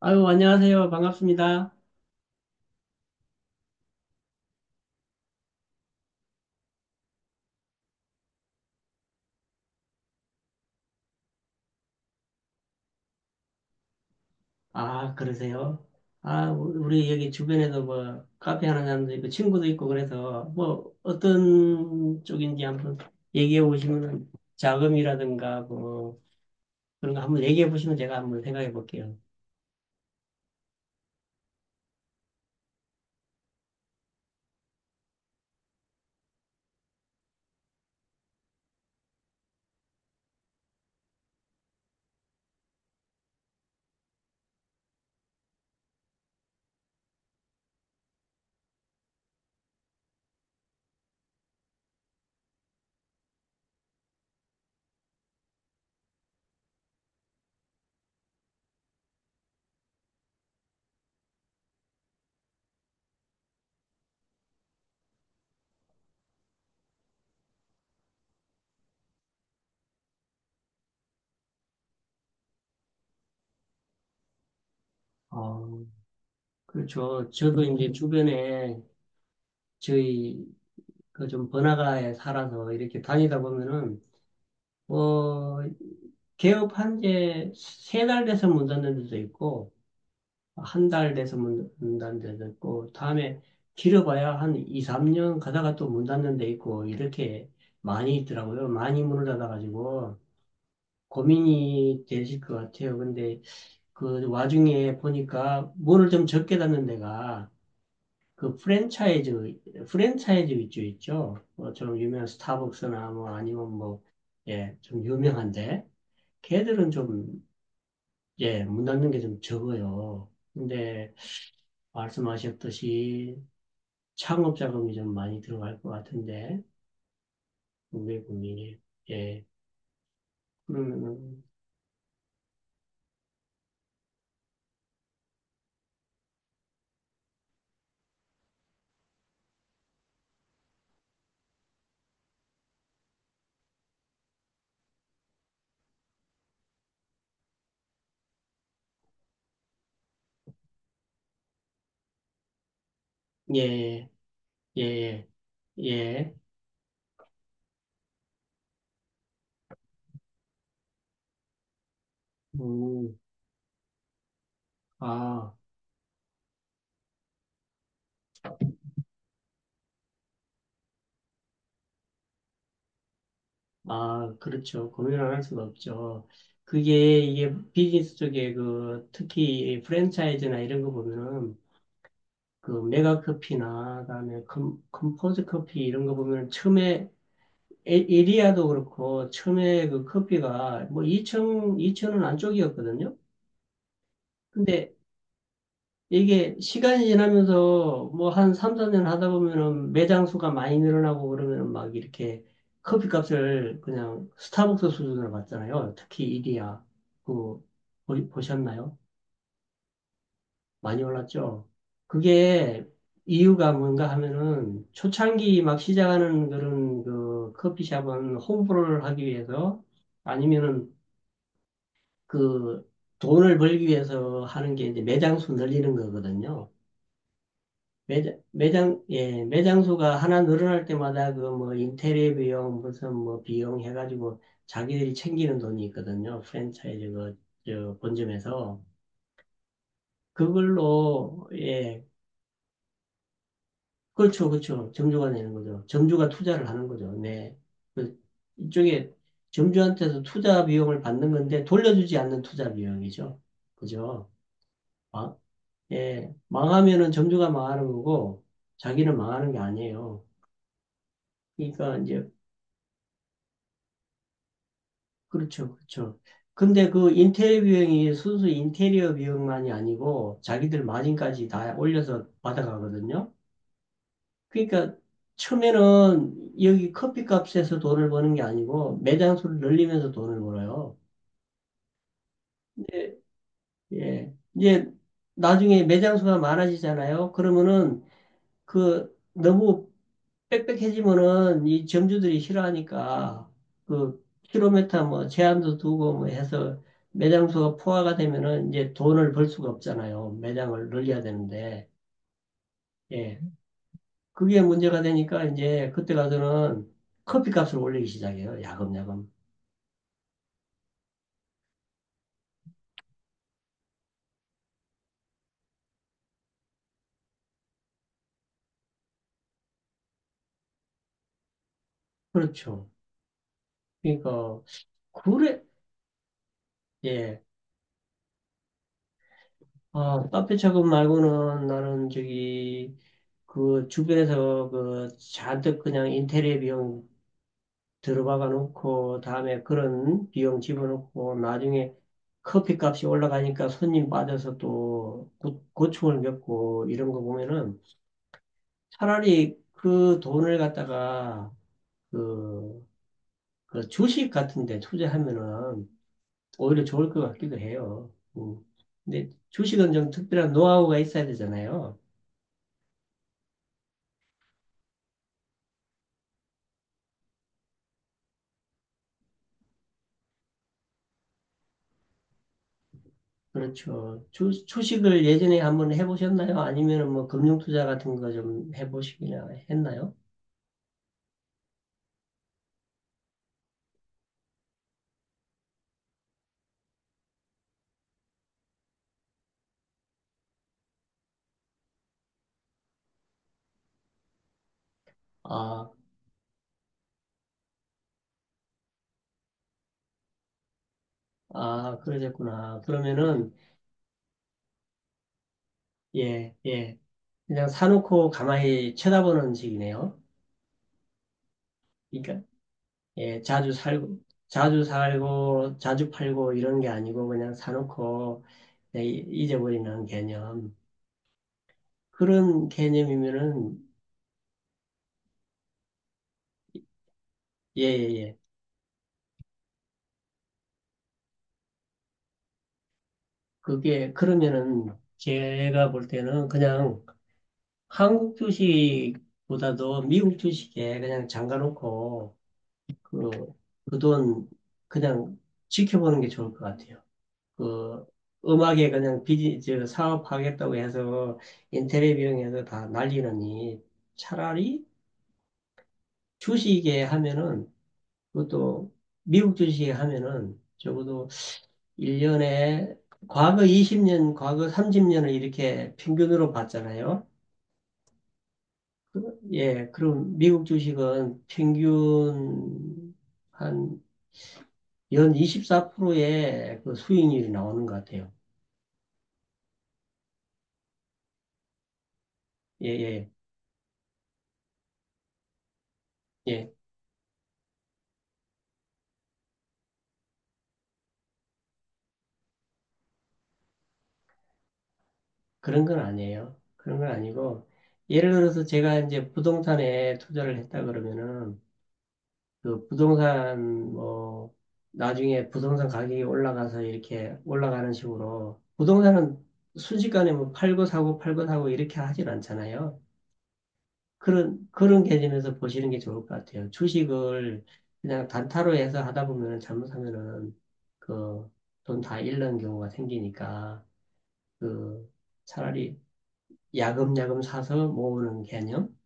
아유, 안녕하세요. 반갑습니다. 아, 그러세요? 아, 우리 여기 주변에도 뭐, 카페 하는 사람도 있고, 친구도 있고, 그래서, 뭐, 어떤 쪽인지 한번 얘기해 보시면, 자금이라든가, 뭐, 그런 거 한번 얘기해 보시면 제가 한번 생각해 볼게요. 어, 그렇죠. 저도 이제 주변에 저희, 그 좀 번화가에 살아서 이렇게 다니다 보면은, 뭐, 개업한 지 세 달 돼서 문 닫는 데도 있고, 한 달 돼서 문 닫는 데도 있고, 다음에 길어봐야 한 2, 3년 가다가 또 문 닫는 데 있고, 이렇게 많이 있더라고요. 많이 문을 닫아가지고 고민이 되실 것 같아요. 근데 그 와중에 보니까 문을 좀 적게 닫는 데가 그 프랜차이즈 위주 있죠. 뭐 좀 유명한 스타벅스나 뭐 아니면 뭐, 예, 좀 유명한데, 걔들은 좀, 예, 문 닫는 게 좀 적어요. 근데 말씀하셨듯이 창업 자금이 좀 많이 들어갈 것 같은데, 국내 국민이. 예. 그러면은, 예, 예, 예. 음, 아, 아, 그렇죠. 고민을 할 수가 없죠. 그게, 이게 비즈니스 쪽에 그, 특히 프랜차이즈나 이런 거 보면은, 그 메가 커피나, 그다음에 컴포즈 커피 이런 거 보면은 처음에, 에리아도 그렇고, 처음에 그 커피가 뭐 2천, 2천원 안쪽이었거든요. 근데 이게 시간이 지나면서 뭐 한 3, 4년 하다 보면은 매장 수가 많이 늘어나고 그러면은 막 이렇게 커피 값을 그냥 스타벅스 수준으로 받잖아요. 특히 이디야. 그, 보셨나요? 많이 올랐죠? 그게 이유가 뭔가 하면은 초창기 막 시작하는 그런 그 커피숍은 홍보를 하기 위해서 아니면은 그 돈을 벌기 위해서 하는 게 이제 매장 수 늘리는 거거든요. 예, 매장수가 하나 늘어날 때마다 그 뭐 인테리어 비용, 무슨 뭐 비용 해가지고 자기들이 챙기는 돈이 있거든요. 프랜차이즈 그, 저, 본점에서. 그걸로, 예, 그렇죠, 그렇죠. 점주가 내는 거죠. 점주가 투자를 하는 거죠. 네. 그, 이쪽에 점주한테서 투자 비용을 받는 건데 돌려주지 않는 투자 비용이죠. 그죠? 아, 예. 망하면은 점주가 망하는 거고 자기는 망하는 게 아니에요. 그러니까 이제 그렇죠, 그렇죠. 근데 그 인테리어 비용이 순수 인테리어 비용만이 아니고 자기들 마진까지 다 올려서 받아가거든요. 그러니까 처음에는 여기 커피값에서 돈을 버는 게 아니고 매장수를 늘리면서 돈을 벌어요. 근데 예, 이제 나중에 매장수가 많아지잖아요. 그러면은 그 너무 빽빽해지면은 이 점주들이 싫어하니까 그 킬로미터 뭐 제한도 두고 뭐 해서 매장 수가 포화가 되면은 이제 돈을 벌 수가 없잖아요. 매장을 늘려야 되는데 예 그게 문제가 되니까 이제 그때 가서는 커피 값을 올리기 시작해요. 야금야금 그렇죠. 그러니까 그래 예 아, 카페 차금 말고는 나는 저기 그 주변에서 그 잔뜩 그냥 인테리어 비용 들어박아 놓고 다음에 그런 비용 집어넣고 나중에 커피값이 올라가니까 손님 빠져서 또 고충을 겪고 이런 거 보면은 차라리 그 돈을 갖다가 그, 그 주식 같은 데 투자하면은 오히려 좋을 것 같기도 해요. 음. 근데 주식은 좀 특별한 노하우가 있어야 되잖아요. 그렇죠. 주식을 예전에 한번 해보셨나요? 아니면 뭐 금융투자 같은 거 좀 해보시기나 했나요? 아, 아, 그러셨구나. 그러면은, 예, 예. 그냥 사놓고 가만히 쳐다보는 식이네요. 그러니까, 예, 자주 살고, 자주 팔고 이런 게 아니고 그냥 사놓고 그냥 잊어버리는 개념. 그런 개념이면은, 예, 예, 예. 그게, 그러면은 제가 볼 때는 그냥 한국 주식보다도 미국 주식에 그냥 잠가놓고 그, 그 돈 그냥 지켜보는 게 좋을 것 같아요. 그 음악에 그냥 비즈 저 사업하겠다고 해서 인테리어 비용에서 다 날리느니 차라리 주식에 하면은 그것도 미국 주식에 하면은 적어도 1년에 과거 20년, 과거 30년을 이렇게 평균으로 봤잖아요. 예, 그럼 미국 주식은 평균 한 연 24%의 그 수익률이 나오는 것 같아요. 예, 예, 예. 그런 건 아니에요. 그런 건 아니고, 예를 들어서 제가 이제 부동산에 투자를 했다 그러면은, 그 부동산, 뭐, 나중에 부동산 가격이 올라가서 이렇게 올라가는 식으로, 부동산은 순식간에 뭐 팔고 사고 팔고 사고 이렇게 하진 않잖아요. 그런 개념에서 보시는 게 좋을 것 같아요. 주식을 그냥 단타로 해서 하다 보면 잘못하면은, 그, 돈 다 잃는 경우가 생기니까, 그, 차라리 야금야금 사서 모으는 개념?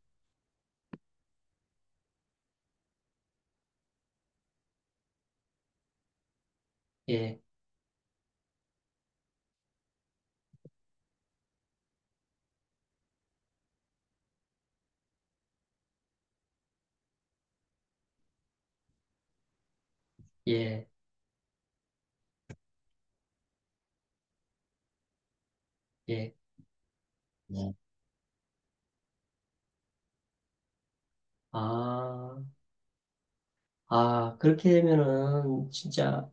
예, 예, 예. 네. 아, 아, 그렇게 되면은, 진짜,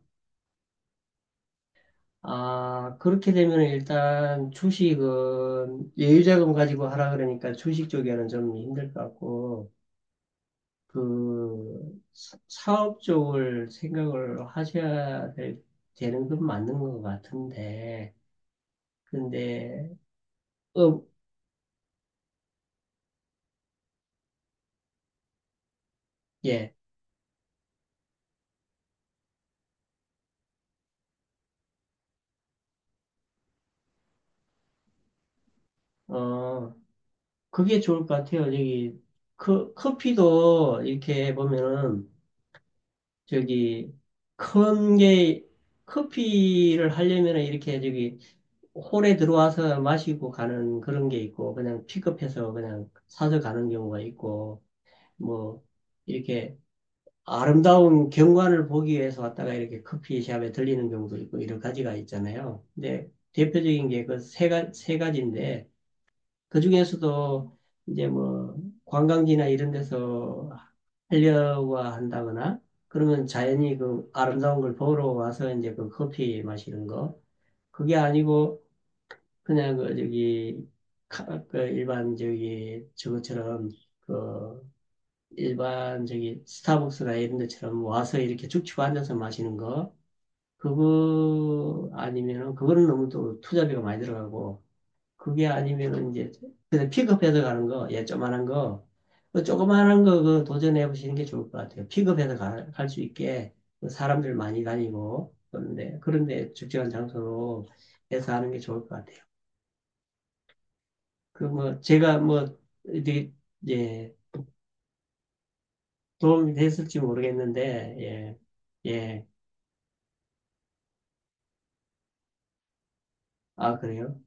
아, 그렇게 되면은 일단 주식은 여유자금 가지고 하라 그러니까 주식 쪽에는 좀 힘들 것 같고, 그, 사업 쪽을 생각을 하셔야 될, 되는 건 맞는 것 같은데, 근데, 음, 예, 어, 그게 좋을 것 같아요. 여기 커피도 이렇게 보면은 저기 큰 게 커피를 하려면은 이렇게 저기 홀에 들어와서 마시고 가는 그런 게 있고 그냥 픽업해서 그냥 사서 가는 경우가 있고 뭐 이렇게 아름다운 경관을 보기 위해서 왔다가 이렇게 커피숍에 들리는 경우도 있고 여러 가지가 있잖아요. 근데 대표적인 게 그 세 가세 가지인데 그 중에서도 이제 뭐 관광지나 이런 데서 하려고 한다거나 그러면 자연히 그 아름다운 걸 보러 와서 이제 그 커피 마시는 거 그게 아니고 그냥 그 저기 그 일반 저기 저것처럼 그 일반 저기 스타벅스나 이런 데처럼 와서 이렇게 쭉고 앉아서 마시는 거 그거 아니면은 그거는 너무 또 투자비가 많이 들어가고 그게 아니면은 이제 그냥 픽업해서 가는 거, 예, 조그만한 거, 그 조그만한 거 그 도전해 보시는 게 좋을 것 같아요. 픽업해서 갈 수 있게 그 사람들 많이 다니고 그런데 적절한 장소로 해서 하는 게 좋을 것 같아요. 그 뭐 제가 뭐 이제 예, 도움이 됐을지 모르겠는데 예, 예, 아 그래요?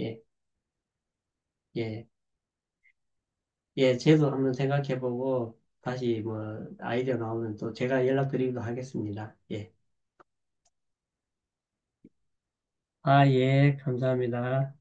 예, 예, 예, 제도 한번 생각해 보고 다시 뭐 아이디어 나오면 또 제가 연락드리기도 하겠습니다. 예. 아, 예, 감사합니다.